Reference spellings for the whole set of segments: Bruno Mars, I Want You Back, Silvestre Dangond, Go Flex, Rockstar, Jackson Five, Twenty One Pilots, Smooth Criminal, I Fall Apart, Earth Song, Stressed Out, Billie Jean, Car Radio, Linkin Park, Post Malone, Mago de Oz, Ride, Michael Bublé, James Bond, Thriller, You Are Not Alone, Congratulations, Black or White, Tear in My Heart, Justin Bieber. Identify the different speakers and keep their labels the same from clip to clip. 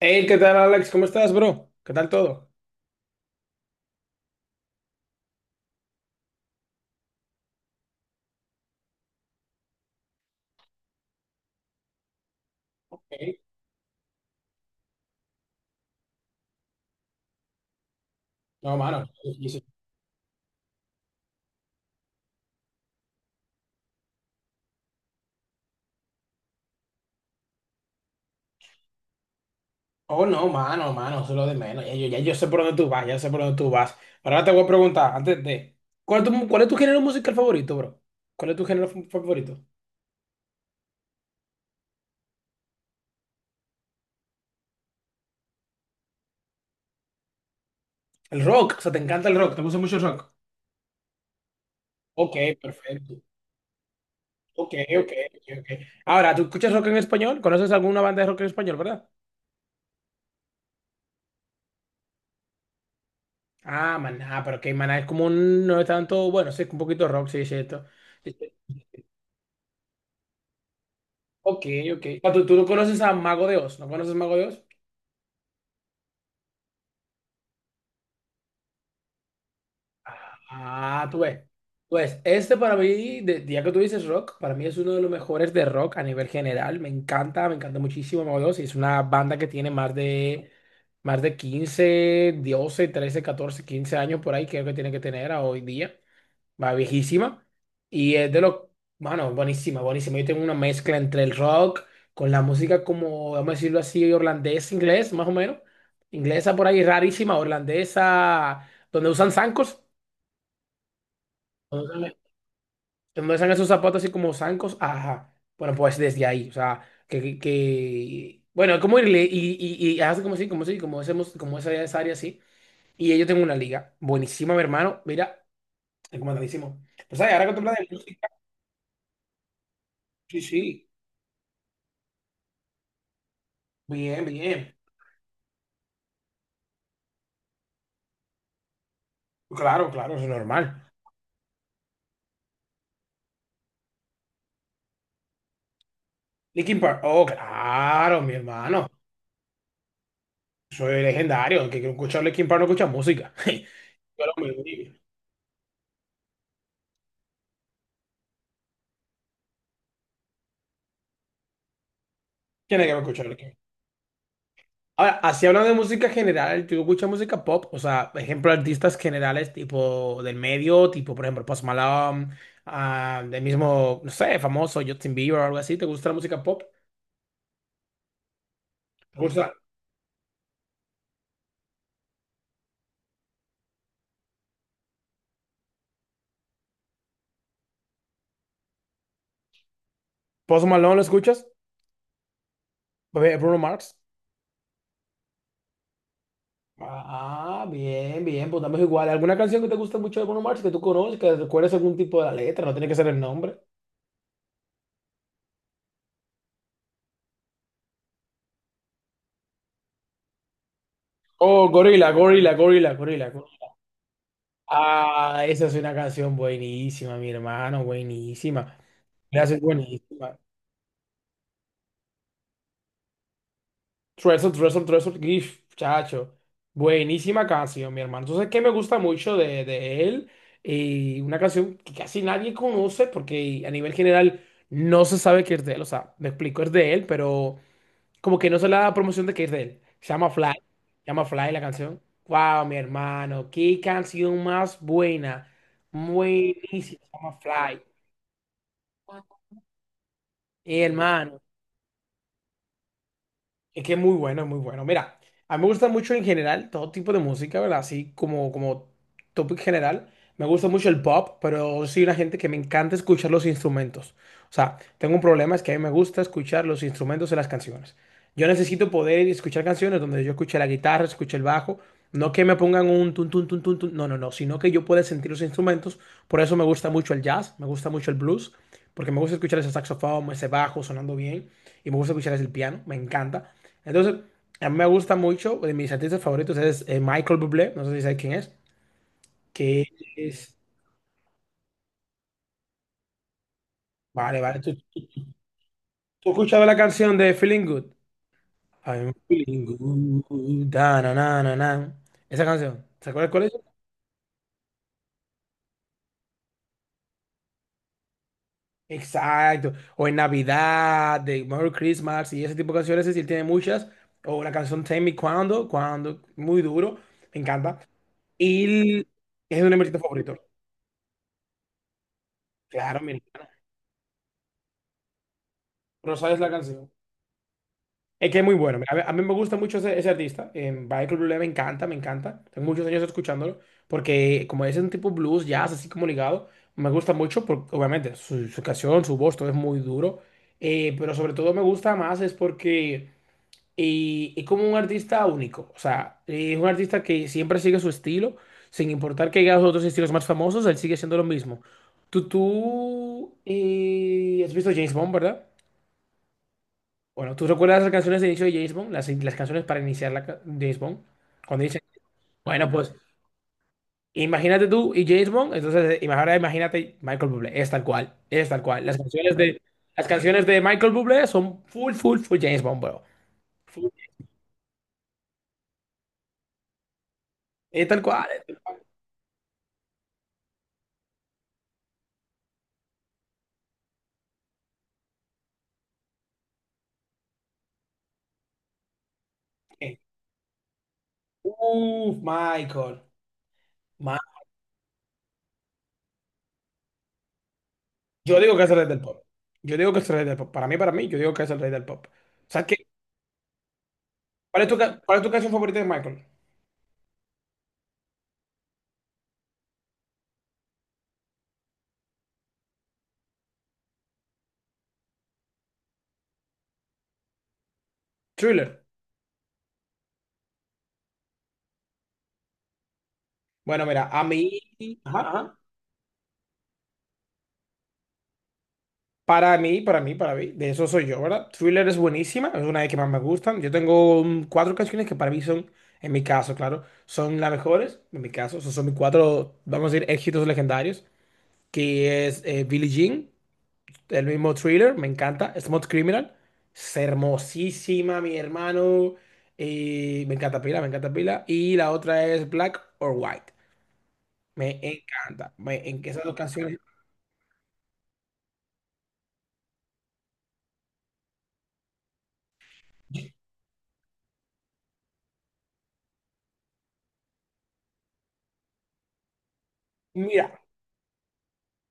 Speaker 1: Hey, ¿qué tal, Alex? ¿Cómo estás, bro? ¿Qué tal todo? Ok. No, mano, oh, no, mano, mano, eso es lo de menos. Ya, yo sé por dónde tú vas, ya sé por dónde tú vas. Ahora te voy a preguntar, antes de... ¿Cuál es tu género musical favorito, bro? ¿Cuál es tu género favorito? El rock, o sea, te encanta el rock, te gusta mucho el rock. Ok, perfecto. Ok, ok, ok, ok. Ahora, ¿tú escuchas rock en español? ¿Conoces alguna banda de rock en español, verdad? Ah, maná, pero que maná es como un... no es tanto... Bueno, sí, un poquito rock, sí, es cierto. Ok, ok. Ah, ¿Tú no conoces a Mago de Oz? ¿No conoces Mago de Oz? Ah, tú ves. Pues este para mí, ya que tú dices rock, para mí es uno de los mejores de rock a nivel general. Me encanta muchísimo Mago de Oz. Y es una banda que tiene más de 15, 12, 13, 14, 15 años por ahí, creo que tiene que tener a hoy día. Va viejísima. Y es de lo, bueno, buenísima, buenísima. Yo tengo una mezcla entre el rock con la música como, vamos a decirlo así, holandés, inglés, más o menos. Inglesa por ahí, rarísima, holandesa, donde usan zancos, donde usan, donde usan esos zapatos así como zancos. Ajá. Bueno, pues desde ahí, o sea, que bueno, como irle y hace como así, como así, como hacemos, como esa área así. Y yo tengo una liga, buenísima, mi hermano, mira, recomendadísimo. Pues ahí, ahora que tú hablas de música, sí, sí. Bien, bien. Claro, claro, eso es normal. Linkin Park. Oh, claro, mi hermano. Soy legendario. El que quiere escuchar Linkin Park no escucha música. Yo lo mismo. Tiene que escuchar Linkin Park. Ahora, así hablando de música general, ¿tú escuchas música pop? O sea, ejemplo, artistas generales tipo del medio, tipo, por ejemplo, Post Malone, ah, del mismo, no sé, famoso Justin Bieber o algo así. ¿Te gusta la música pop? ¿Te gusta? ¿Post Malone lo escuchas? Bruno Mars. Ah, bien, bien, pues estamos igual. ¿Alguna canción que te guste mucho de Bruno Mars que tú conoces, que recuerdes algún tipo de la letra? No tiene que ser el nombre. Oh, Gorila, Gorila, Gorila, Gorila. Ah, esa es una canción buenísima, mi hermano, buenísima. Gracias, buenísima. Treasure, Treasure, Treasure, GIF, chacho. Buenísima canción, mi hermano. Entonces, ¿qué me gusta mucho de él? Y una canción que casi nadie conoce porque a nivel general no se sabe que es de él. O sea, me explico, es de él, pero... como que no se le da promoción de que es de él. Se llama Fly. Se llama Fly la canción. Wow, mi hermano. Qué canción más buena. Buenísima. Se llama Fly. Mi hermano. Es que es muy bueno, es muy bueno. Mira, a mí me gusta mucho en general todo tipo de música, ¿verdad? Así como, como topic general. Me gusta mucho el pop, pero soy una gente que me encanta escuchar los instrumentos. O sea, tengo un problema, es que a mí me gusta escuchar los instrumentos en las canciones. Yo necesito poder escuchar canciones donde yo escuche la guitarra, escuche el bajo. No que me pongan un tun, tun, tun, tun, tun. No, no, no. Sino que yo pueda sentir los instrumentos. Por eso me gusta mucho el jazz, me gusta mucho el blues, porque me gusta escuchar ese saxofón, ese bajo sonando bien. Y me gusta escuchar ese piano, me encanta. Entonces, a mí me gusta mucho, de mis artistas favoritos es Michael Bublé, no sé si sabes quién es, que es... Vale, vale, ¿tú has escuchado la canción de Feeling Good? I'm feeling good, da, na, na, na, na. Esa canción, ¿se acuerdas cuál es? Exacto, o en Navidad, de Merry Christmas y ese tipo de canciones, es decir, tiene muchas, o la canción Tell Me Cuando, Cuando, muy duro, me encanta, y el- es de mi artista favorito, claro, mi hermano, Rosario es la canción. Es que es muy bueno. A mí me gusta mucho ese artista. Michael Bublé me encanta, me encanta. Tengo muchos años escuchándolo. Porque como es un tipo blues, jazz, así como ligado, me gusta mucho. Porque, obviamente, su canción, su voz, todo es muy duro. Pero sobre todo me gusta más es porque es como un artista único. O sea, es un artista que siempre sigue su estilo. Sin importar que haya los otros estilos más famosos, él sigue siendo lo mismo. Tú has visto James Bond, ¿verdad? Bueno, ¿tú recuerdas las canciones de inicio de James Bond? Las canciones para iniciar la James Bond. Cuando dicen, bueno, pues imagínate tú y James Bond, entonces ahora imagínate Michael Bublé, es tal cual, es tal cual. Las canciones de Michael Bublé son full, full, full James Bond, bro. Full, es tal cual. Eh. Uf, Michael. Ma- Yo digo que es el rey del pop. Yo digo que es el rey del pop. Para mí, yo digo que es el rey del pop. ¿Sabes qué? ¿Cuál es cuál es tu canción favorita de Michael? Thriller. Bueno, mira, a mí... Ajá, ajá. Para mí, para mí, para mí, de eso soy yo, ¿verdad? Thriller es buenísima, es una de las que más me gustan. Yo tengo 4 canciones que para mí son, en mi caso, claro, son las mejores, en mi caso, esos son mis 4, vamos a decir, éxitos legendarios, que es Billie Jean, el mismo Thriller, me encanta, Smooth Criminal, es hermosísima, mi hermano, y me encanta pila, y la otra es Black or White, me encanta, me, en esas dos canciones, mira.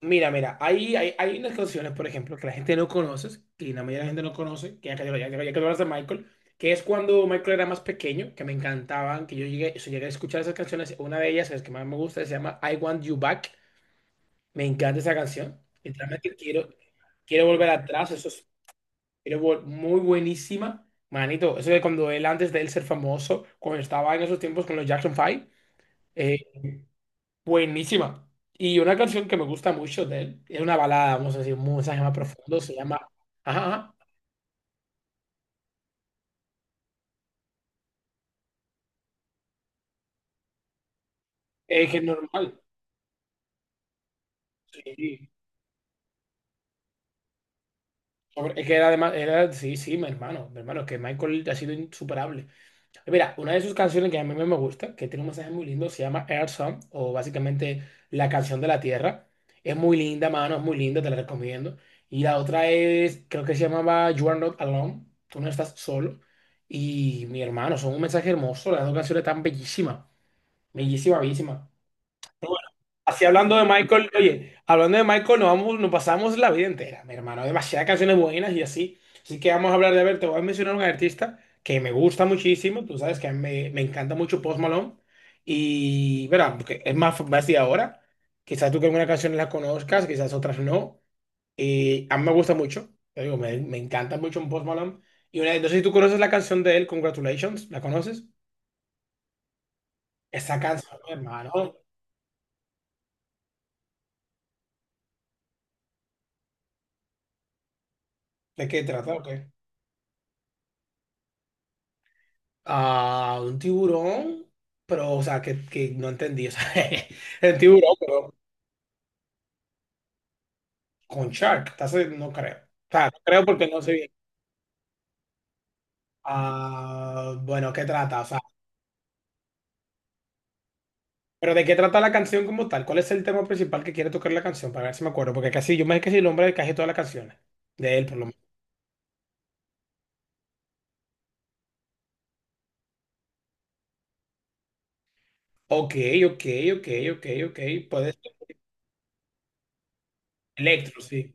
Speaker 1: Mira, mira, hay unas canciones, por ejemplo, que la gente no conoce, que la mayoría de la gente no conoce, que ya que hablas de Michael, que es cuando Michael era más pequeño, que me encantaban, que yo llegué a escuchar esas canciones. Una de ellas, que es que más me gusta, se llama I Want You Back. Me encanta esa canción. Literalmente quiero volver atrás, eso es muy buenísima. Manito, eso de cuando él, antes de él ser famoso, cuando estaba en esos tiempos con los Jackson 5 eh, buenísima. Y una canción que me gusta mucho de él, es una balada, vamos a decir, un mensaje más profundo, se llama... Ajá, ajá. Es que es normal. Sí. Sobre- Es que era además, era, sí, sí, mi hermano, es que Michael ha sido insuperable. Mira, una de sus canciones que a mí me gusta, que tiene un mensaje muy lindo, se llama Earth Song, o básicamente la canción de la tierra. Es muy linda, mano, es muy linda, te la recomiendo. Y la otra es, creo que se llamaba You Are Not Alone, tú no estás solo. Y mi hermano, son un mensaje hermoso, las dos canciones están bellísimas, bellísima, bellísima. Así hablando de Michael, oye, hablando de Michael, nos vamos, nos pasamos la vida entera, mi hermano, demasiadas canciones buenas y así. Así que vamos a hablar de, a ver, te voy a mencionar un artista que me gusta muchísimo, tú sabes que a mí me encanta mucho Post Malone. Y, verá, porque es más de ahora. Quizás tú que alguna canción la conozcas, quizás otras no. Y a mí me gusta mucho, te digo, me encanta mucho Post Malone. Y una, entonces, sé si tú conoces la canción de él, Congratulations, ¿la conoces? Esa canción, mi hermano, ¿de qué trata o qué? Ah, un tiburón, pero, o sea, que no entendí, o sea, el tiburón, pero con shark, entonces no creo. O sea, no creo porque no sé bien. Ah, bueno, ¿qué trata? O sea, pero ¿de qué trata la canción como tal? ¿Cuál es el tema principal que quiere tocar la canción? Para ver si me acuerdo, porque casi, yo me sé casi el nombre de casi todas las canciones, de él por lo menos. Ok, ok, ok, ok, ok, puede ser. Electro, sí.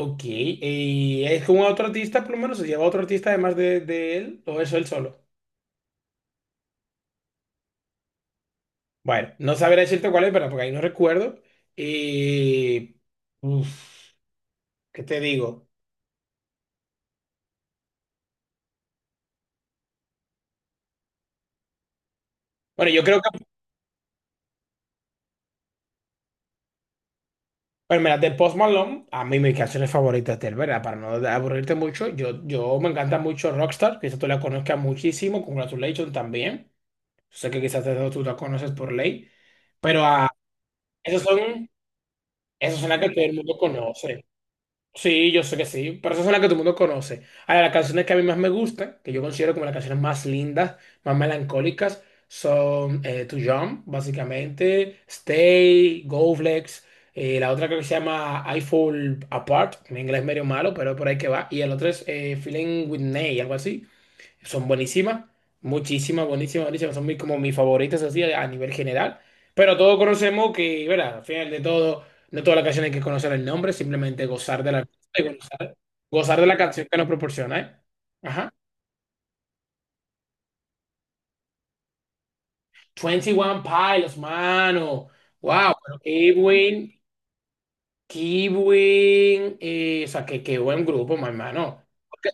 Speaker 1: Ok, ¿y es con otro artista por lo menos? ¿Se lleva otro artista además de él o eso él solo? Bueno, no sabré decirte cuál es, pero porque ahí no recuerdo. Y. Uf, ¿qué te digo? Bueno, yo creo que. Bueno, mira, de Post Malone, a mí mis canciones favoritas de él, ¿verdad? Para no aburrirte mucho, yo me encanta mucho Rockstar, quizás tú la conozcas muchísimo, Congratulations también. Yo sé que quizás tú la conoces por ley, pero ah, esas son, esas son las que todo el mundo conoce. Sí, yo sé que sí, pero esas son las que todo el mundo conoce. Ahora, las canciones que a mí más me gustan, que yo considero como las canciones más lindas, más melancólicas, son To Jump, básicamente, Stay, Go Flex, la otra creo que se llama I Fall Apart, mi inglés medio malo, pero por ahí que va, y el otro es Feeling With Ney, algo así son buenísimas, muchísimas, buenísimas, buenísimas, son muy, como mis favoritas así a nivel general, pero todos conocemos que, ¿verdad? Al final de todo, no todas las canciones hay que conocer el nombre, simplemente gozar de la y gozar, gozar de la canción que nos proporciona, ¿eh? Ajá. 21 Pilots, mano. Wow, pero qué buen, o sea, qué buen grupo, mi hermano. Ok.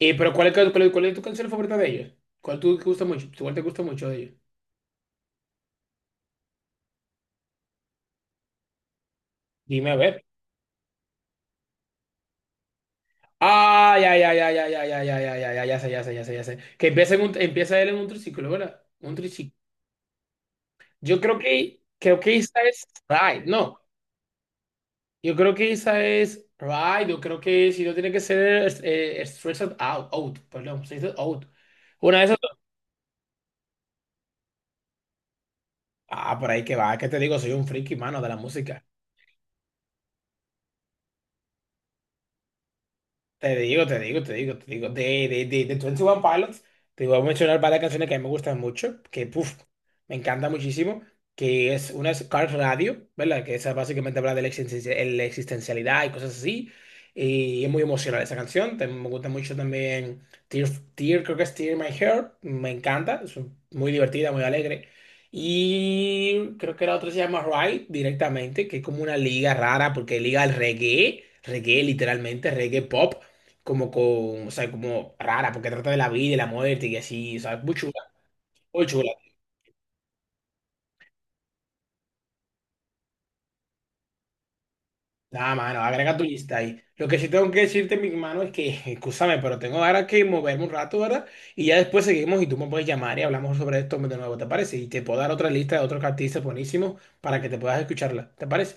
Speaker 1: Pero cuál es tu canción favorita de ellos? ¿Cuál tú te gusta mucho? ¿Cuál te gusta mucho de ellos? Dime a ver. Ay, ay, ay, ay, ay, ay, ay, ay, ay, ay, ay, ya sé, ya sé, ya sé, ya sé. Que empieza, empieza él en un triciclo, ¿verdad? Un triciclo. Creo que esa es Ride, no. Yo creo que esa es Ride, yo creo que si no tiene que ser Stressed Out, Stressed Out. Una de esas. Ah, por ahí que va, que te digo, soy un friki, mano, de la música. Te digo, te digo, te digo, te digo. De Twenty One Pilots, te voy a mencionar varias canciones que a mí me gustan mucho, que puf, me encanta muchísimo, que es una es Car Radio, ¿verdad? Que esa básicamente habla de la existencialidad y cosas así. Y es muy emocional esa canción. También me gusta mucho también Tear, Tear, creo que es Tear in My Heart. Me encanta, es muy divertida, muy alegre. Y creo que la otra se llama Ride directamente, que es como una liga rara, porque liga al reggae, reggae literalmente, reggae pop como con, o sea, como rara, porque trata de la vida y la muerte y así, o sea, muy chula, muy chula. Nada, mano, agrega tu lista ahí. Lo que sí tengo que decirte, mi hermano, es que, escúchame, pero tengo ahora que moverme un rato, ¿verdad? Y ya después seguimos y tú me puedes llamar y hablamos sobre esto de nuevo, ¿te parece? Y te puedo dar otra lista de otros artistas buenísimos para que te puedas escucharla, ¿te parece?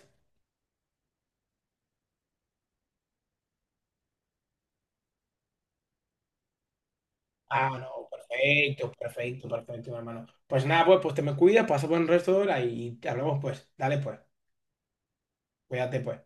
Speaker 1: Ah, no, perfecto, perfecto, perfecto, mi hermano. Pues nada, pues, pues te me cuidas, pasa buen resto de hora y te hablamos pues. Dale pues, cuídate pues.